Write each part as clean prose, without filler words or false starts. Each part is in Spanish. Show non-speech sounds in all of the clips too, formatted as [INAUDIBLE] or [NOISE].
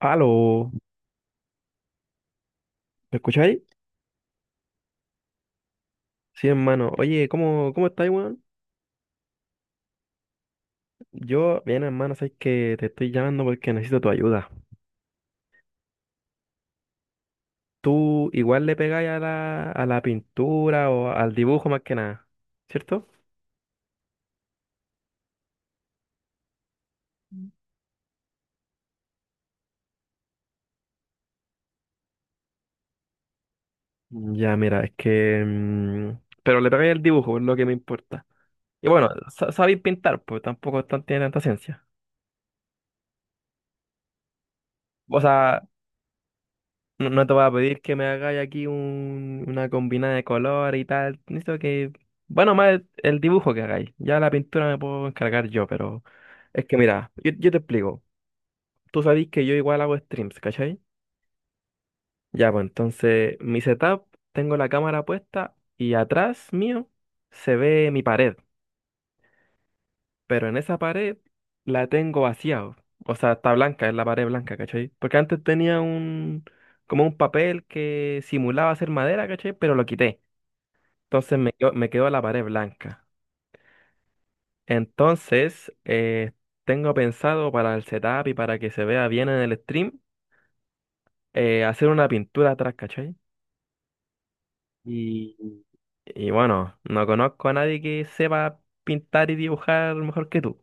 Aló, ¿me escucháis? Sí, hermano. Oye, ¿cómo estáis, weón? Yo, bien, hermano, sabes que te estoy llamando porque necesito tu ayuda. ¿Tú igual le pegáis a la pintura o al dibujo más que nada? ¿Cierto? Ya, mira, es que... pero le pegáis al dibujo, es lo que me importa. Y bueno, sabéis pintar, pues tampoco es tiene tanta ciencia. O sea, no, no te voy a pedir que me hagáis aquí una combinada de color y tal. Necesito que. Bueno, más el dibujo que hagáis. Ya la pintura me puedo encargar yo, pero. Es que mira, yo te explico. Tú sabéis que yo igual hago streams, ¿cachai? Ya, pues entonces, mi setup, tengo la cámara puesta y atrás mío se ve mi pared. Pero en esa pared la tengo vacía. O sea, está blanca, es la pared blanca, ¿cachai? Porque antes tenía un. Como un papel que simulaba ser madera, ¿cachai? Pero lo quité. Entonces me quedó la pared blanca. Entonces, tengo pensado para el setup y para que se vea bien en el stream, hacer una pintura atrás, ¿cachai? Y, y bueno, no conozco a nadie que sepa pintar y dibujar mejor que tú.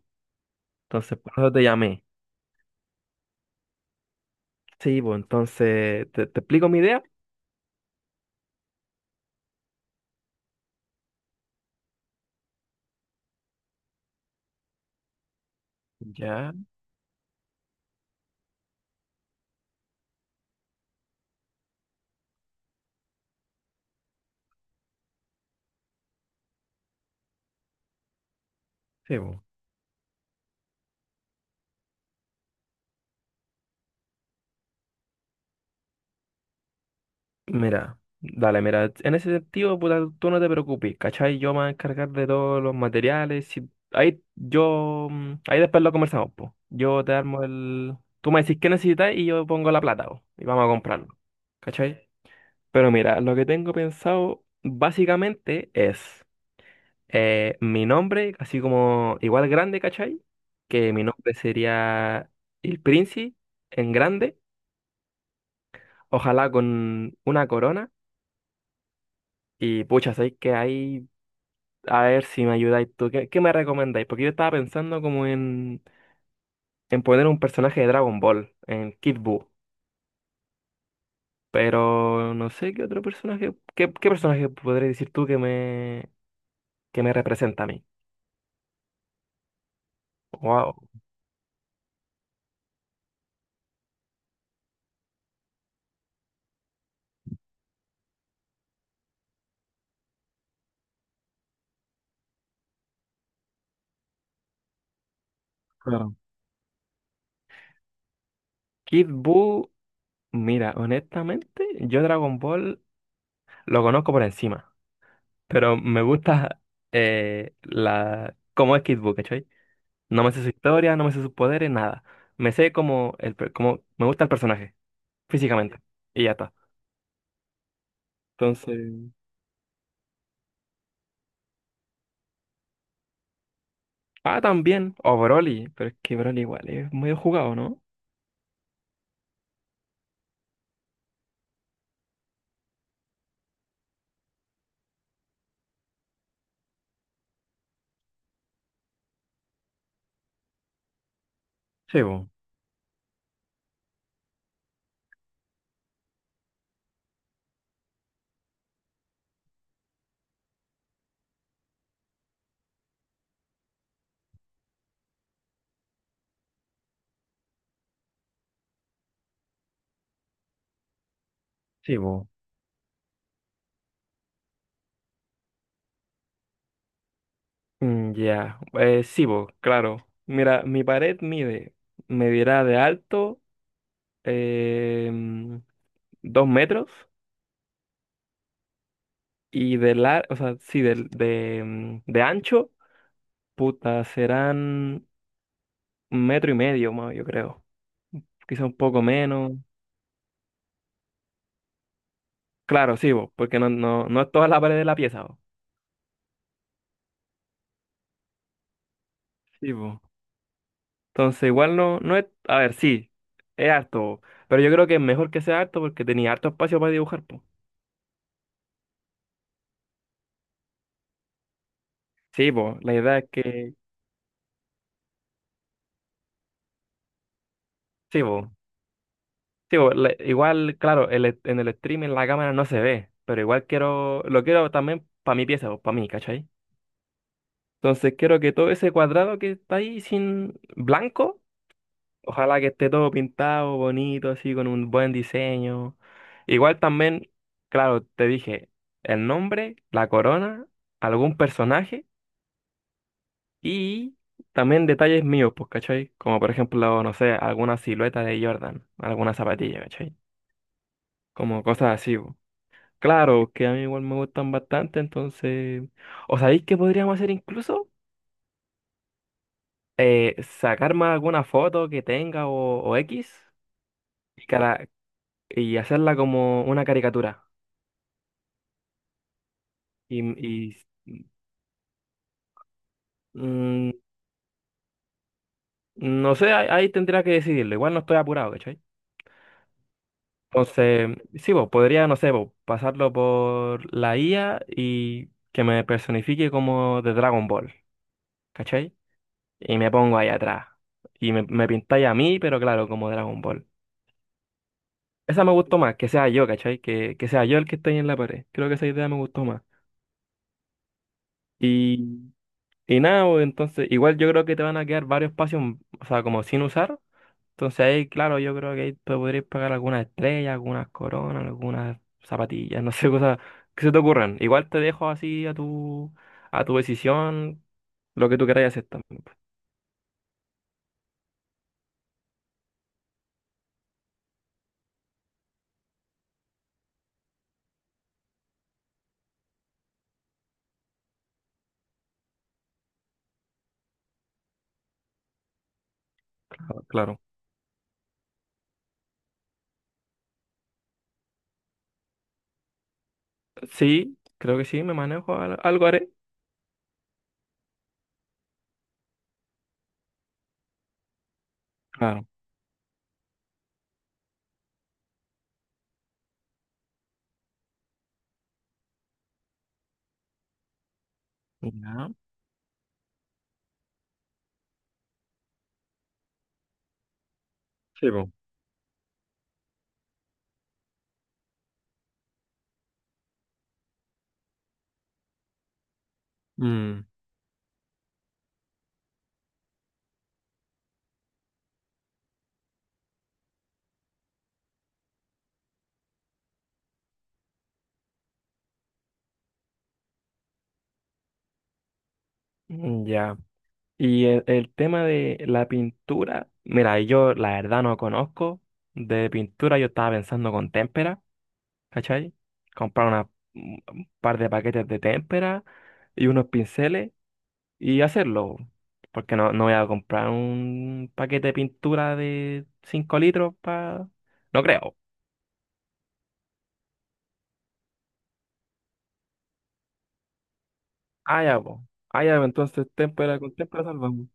Entonces, por eso te llamé. Sí, pues entonces, te explico mi idea? Ya, sí, pues. Mira, dale, mira, en ese sentido, puta, tú no te preocupes, ¿cachai? Yo me voy a encargar de todos los materiales, ahí yo, ahí después lo conversamos, pues. Yo te armo el, tú me decís qué necesitas y yo pongo la plata, po, y vamos a comprarlo, ¿cachai? Pero mira, lo que tengo pensado básicamente es mi nombre, así como igual grande, ¿cachai? Que mi nombre sería El Princi en grande, ojalá con una corona. Y pucha, sabéis que ahí a ver si me ayudáis tú. Qué me recomendáis? Porque yo estaba pensando como en poner un personaje de Dragon Ball, en Kid Buu. Pero no sé qué otro personaje, qué personaje podrías decir tú que que me representa a mí. Wow. Claro. Kid Buu, mira, honestamente, yo Dragon Ball lo conozco por encima. Pero me gusta cómo es Kid Buu, ¿cachai? No me sé su historia, no me sé sus poderes, nada. Me sé como, como me gusta el personaje físicamente. Y ya está. Entonces. Ah, también. O Broly. Pero es que Broly igual es medio jugado, ¿no? Sí, bo, sí, bo. Ya, sí, vos, claro. Mira, mi pared mide, medirá de alto eh, mm, 2 metros y de largo, o sea, sí, ancho, puta, serán un metro y medio más, yo creo. Quizá un poco menos. Claro, sí, vos, porque no, no, no es toda la pared de la pieza, vos. Sí, bo. Entonces, igual no, no es, a ver, sí, es harto, pero yo creo que es mejor que sea harto porque tenía harto espacio para dibujar, po. Sí, po, la idea es que, sí, po, sí, po, la- igual, claro, en el stream en la cámara no se ve, pero igual quiero, lo quiero también para mi pieza, para mí, ¿cachai? Entonces quiero que todo ese cuadrado que está ahí sin blanco, ojalá que esté todo pintado, bonito, así, con un buen diseño. Igual también, claro, te dije, el nombre, la corona, algún personaje. Y también detalles míos, pues, ¿cachai? Como por ejemplo, no sé, alguna silueta de Jordan, alguna zapatilla, ¿cachai? Como cosas así, po. Claro, que a mí igual me gustan bastante, entonces... ¿O sabéis qué podríamos hacer incluso? Sacarme alguna foto que tenga o X y, cara- y hacerla como una caricatura. Y, y, mm, no sé, ahí tendría que decidirlo. Igual no estoy apurado, ¿cachai? Entonces, sí, vos, podría, no sé, vos, pasarlo por la IA y que me personifique como de Dragon Ball, ¿cachai? Y me pongo ahí atrás. Y me pintáis a mí, pero claro, como Dragon Ball. Esa me gustó más, que sea yo, ¿cachai? Que sea yo el que esté ahí en la pared. Creo que esa idea me gustó más. Y, y nada, vos, entonces, igual yo creo que te van a quedar varios espacios, o sea, como sin usar. Entonces ahí, claro, yo creo que ahí te podrías pagar algunas estrellas, algunas coronas, algunas zapatillas, [LAUGHS] no sé, cosas que se te ocurran. Igual te dejo así a a tu decisión, lo que tú queráis hacer también, pues. Ah, claro, sí, creo que sí, me manejo, algo haré. Claro. Ya. Sí, po. Mm, mm, ya. Y el tema de la pintura, mira, yo la verdad no conozco de pintura, yo estaba pensando con témpera, ¿cachai? Comprar un par de paquetes de témpera y unos pinceles y hacerlo. Porque no, no voy a comprar un paquete de pintura de 5 litros para... No creo. Ah, ya, pues. Ah, ya, pues, entonces témpera con témpera salvamos.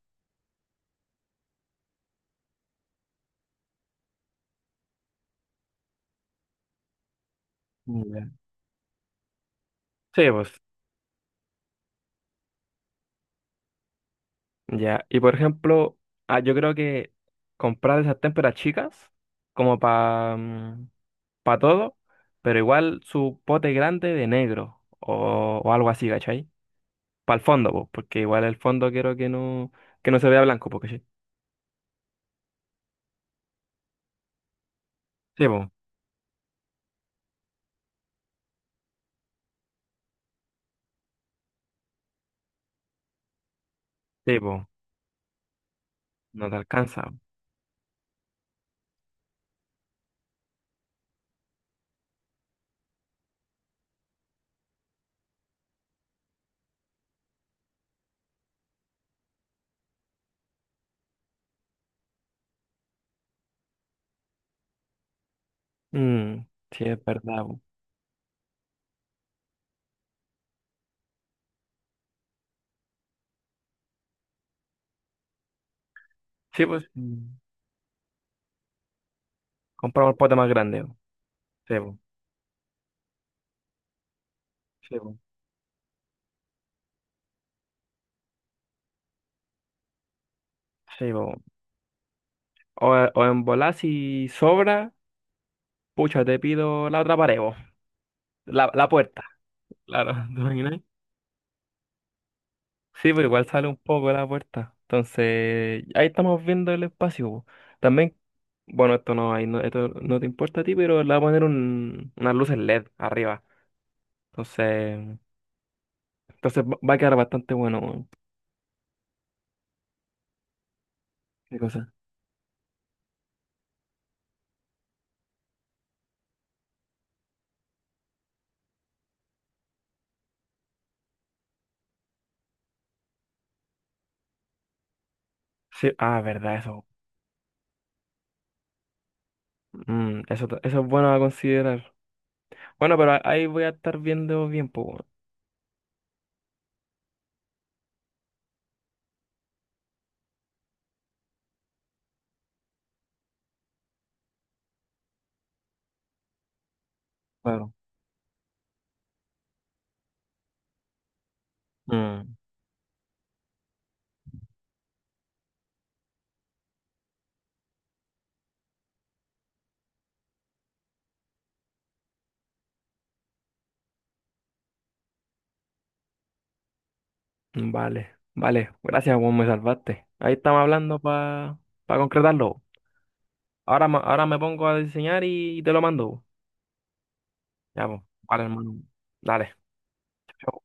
Ya. Sí, pues. Ya. Y por ejemplo, ah, yo creo que comprar esas témperas chicas, como para todo, pero igual su pote grande de negro o algo así, ¿cachai? Para el fondo, pues, porque igual el fondo quiero que no se vea blanco, porque sí. Sí, sí, bo, no te alcanza, bo. Mm, sí, es verdad, bo. Sí, pues, compra un pote más grande, bo. Sí, bo, sí, bo, sí, bo. O, o en volar si sobra, pucha, te pido la otra pared, bo. La puerta, claro, [LAUGHS] ¿te imaginas? Sí, pero igual sale un poco de la puerta. Entonces, ahí estamos viendo el espacio, bo. También, bueno, esto no, ahí no, esto no te importa a ti, pero le voy a poner unas luces LED arriba. Entonces, entonces va a quedar bastante bueno, bo. ¿Qué cosa? Sí, ah, verdad, eso. Eso es bueno a considerar. Bueno, pero ahí voy a estar viendo bien, pues, weón. Claro. Mm, vale, vale. Gracias, weón, me salvaste. Ahí estamos hablando para concretarlo. Ahora, ahora me pongo a diseñar y te lo mando. Ya, pues. Vale, hermano. Dale. Chao.